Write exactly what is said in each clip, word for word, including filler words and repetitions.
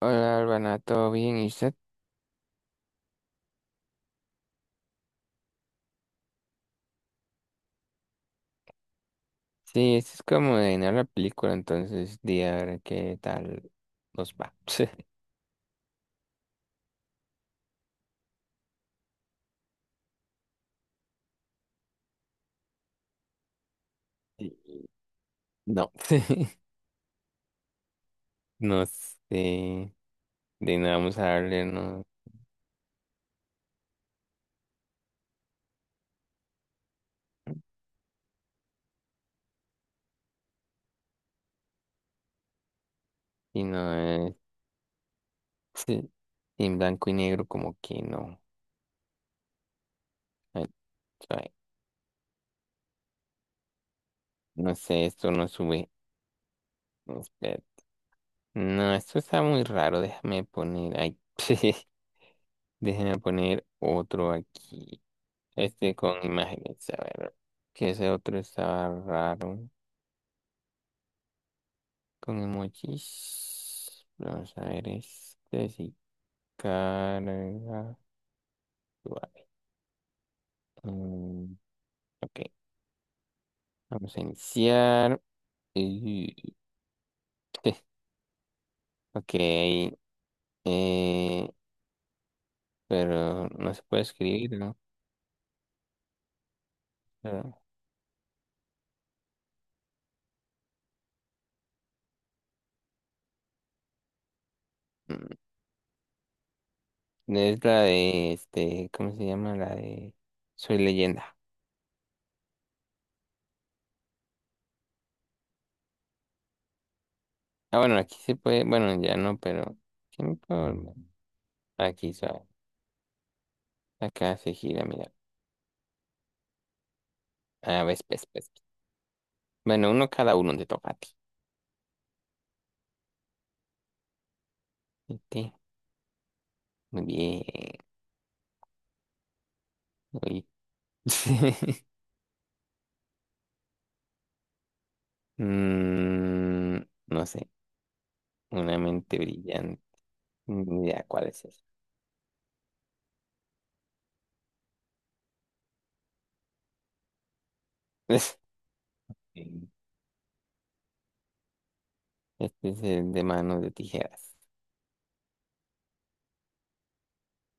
Hola, Urbana, ¿todo bien? ¿Y usted? Sí, esto es como de no la película, entonces, di a ver qué tal nos va. Sí. No, no sé, de nada vamos a darle, no, y no es, sí, en blanco y negro como que no. Ay, ay, no sé, esto no sube, espera. No, esto está muy raro, déjame poner, ay, déjame poner otro aquí. Este con imágenes, a ver. Que ese otro estaba raro. Con emojis. Vamos a ver este. Si carga. Vale. Mm, ok. Vamos a iniciar. Y- Ok. eh, pero no se puede escribir, ¿no? Pero, mm, es la de este. ¿Cómo se llama? La de Soy Leyenda. Ah, bueno, aquí se puede. Bueno, ya no, pero. ¿Quién puede? Aquí, sabe. Acá se gira, mira. Ah, ves, ves, ves. Bueno, uno cada uno te toca a ti. Vete. Muy bien. Uy. Mm, no sé. Una mente brillante. Ni idea cuál es esa. Este es el de manos de tijeras.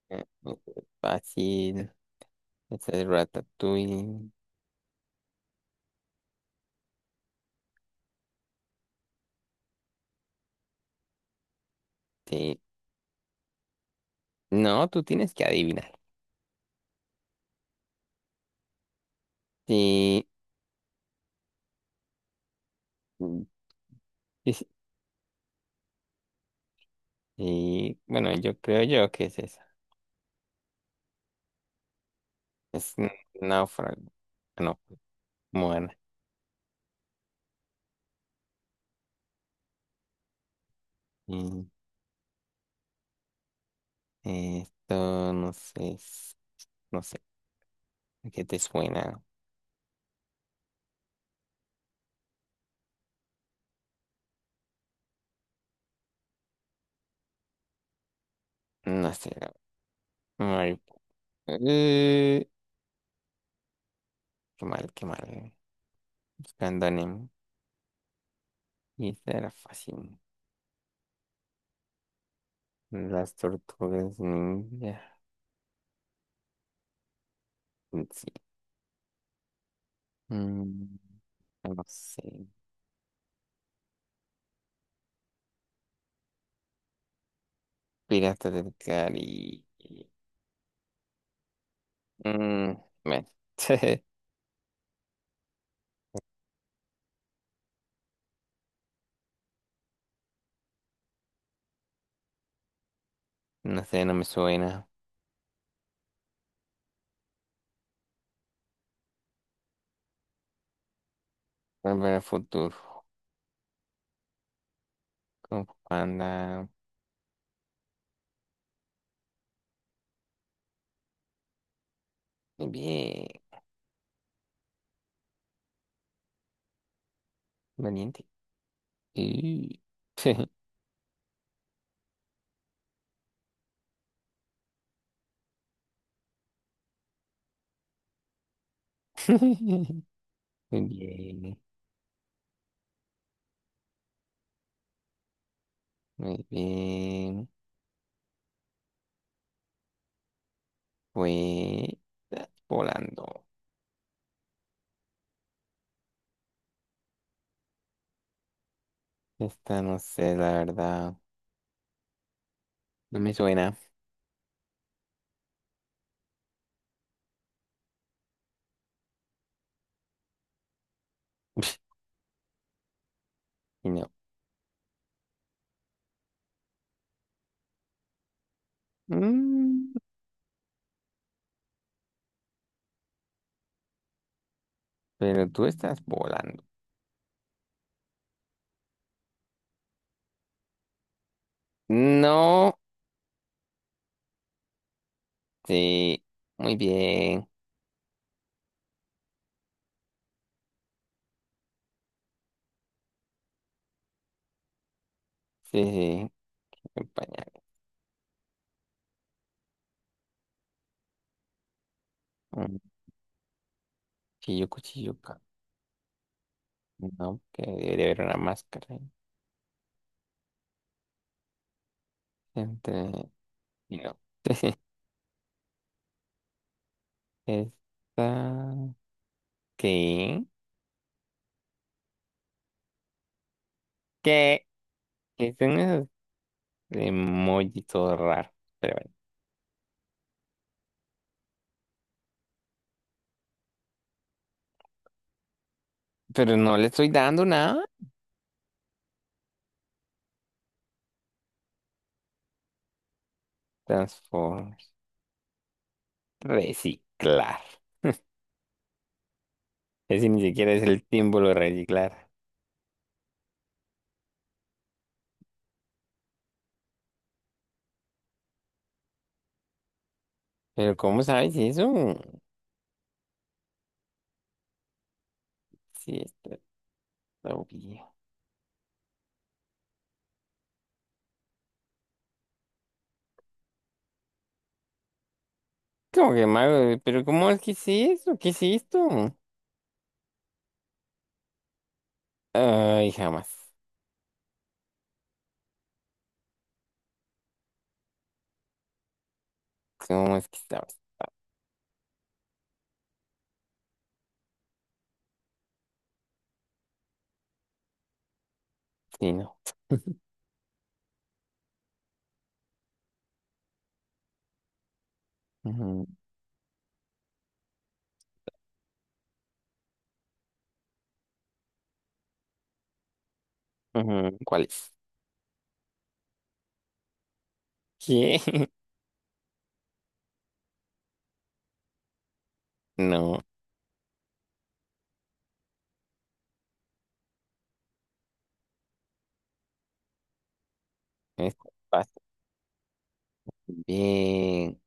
Eh, este es fácil. Este es Ratatouille. Sí. No, tú tienes que adivinar. Sí. Mm, es- sí. Bueno, yo creo yo que es esa. Es n- náufrago. Ah, no. Moana. Mm, eh, esto no sé, es- no sé, ¿a ¿qué te suena? No sé, la- Mari- eh, qué mal, qué mal. Buscando anime. Y esta era fácil. Las tortugas ninja. Sí. Mm, no sé. Piratas del Caribe. Mm, bueno. No sé, no me suena. Volver al futuro. Kung Fu Panda. Bien. Valiente. Y- Muy bien, muy bien. Fue ah, volando. Esta no sé, la verdad. No me suena. Y no. Mm, pero tú estás volando. No. Sí. Muy bien. Sí, sí. El pañal. Mm, chillo, cuchilluca. No, que debería haber una máscara ahí. Entre. Y no. Esta. ¿Qué? ¿Qué? Que son esos emojis todo raros. Pero bueno. Pero no le estoy dando nada. Transform. Reciclar. Ese ni siquiera es el símbolo de reciclar. Pero ¿cómo sabes eso? Sí, está obvio. ¿Cómo que mago? ¿Pero cómo es que es eso? ¿Qué es esto? Ay, jamás. ¿Cómo es que sabes? Sí, no. Ujú, ujú. ¿Cuál es? ¿Qué? No, es fácil. Bien.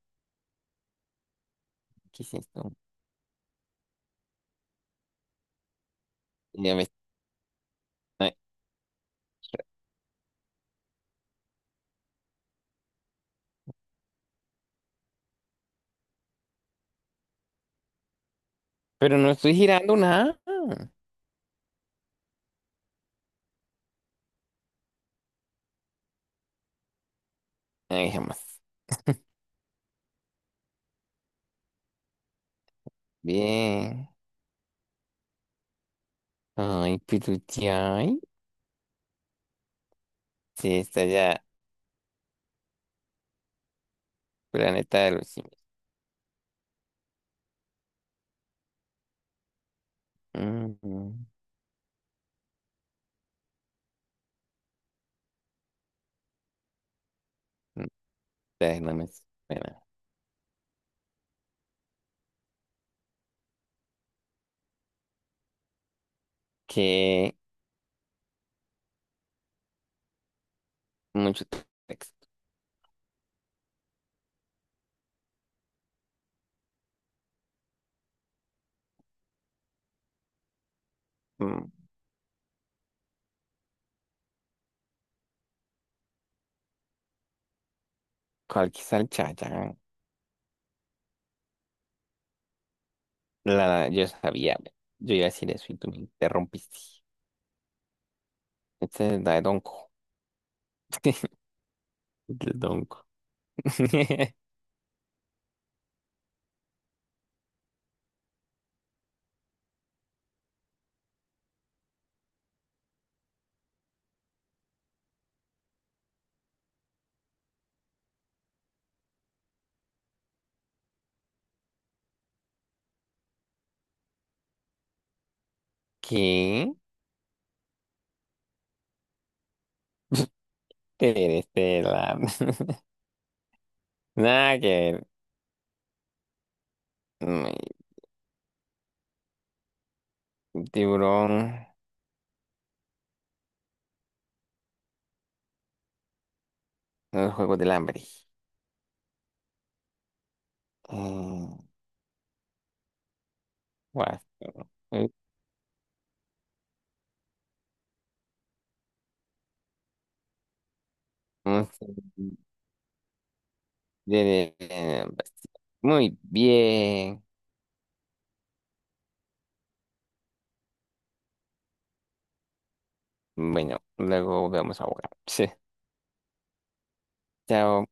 ¿Qué es esto? Ya me- ay, pero no estoy girando nada. Ay, jamás. Bien. Ay, pero ya, ay, sí, está ya, planeta de los simios. Ujú. No sé, no me suena. Que mucho texto. Mm, ¿cuál quizá el Chayán? La, yo sabía, ve. Yo iba a decir eso y tú me interrumpiste. Este es la de Donko. De Donko. ¿Qué? Te este la... Nada que ver. Mm, tiburón, el juego del hambre. Mm, guau, mm, no sé. De- de- muy bien. Bueno, luego vemos ahora. Sí. Chao.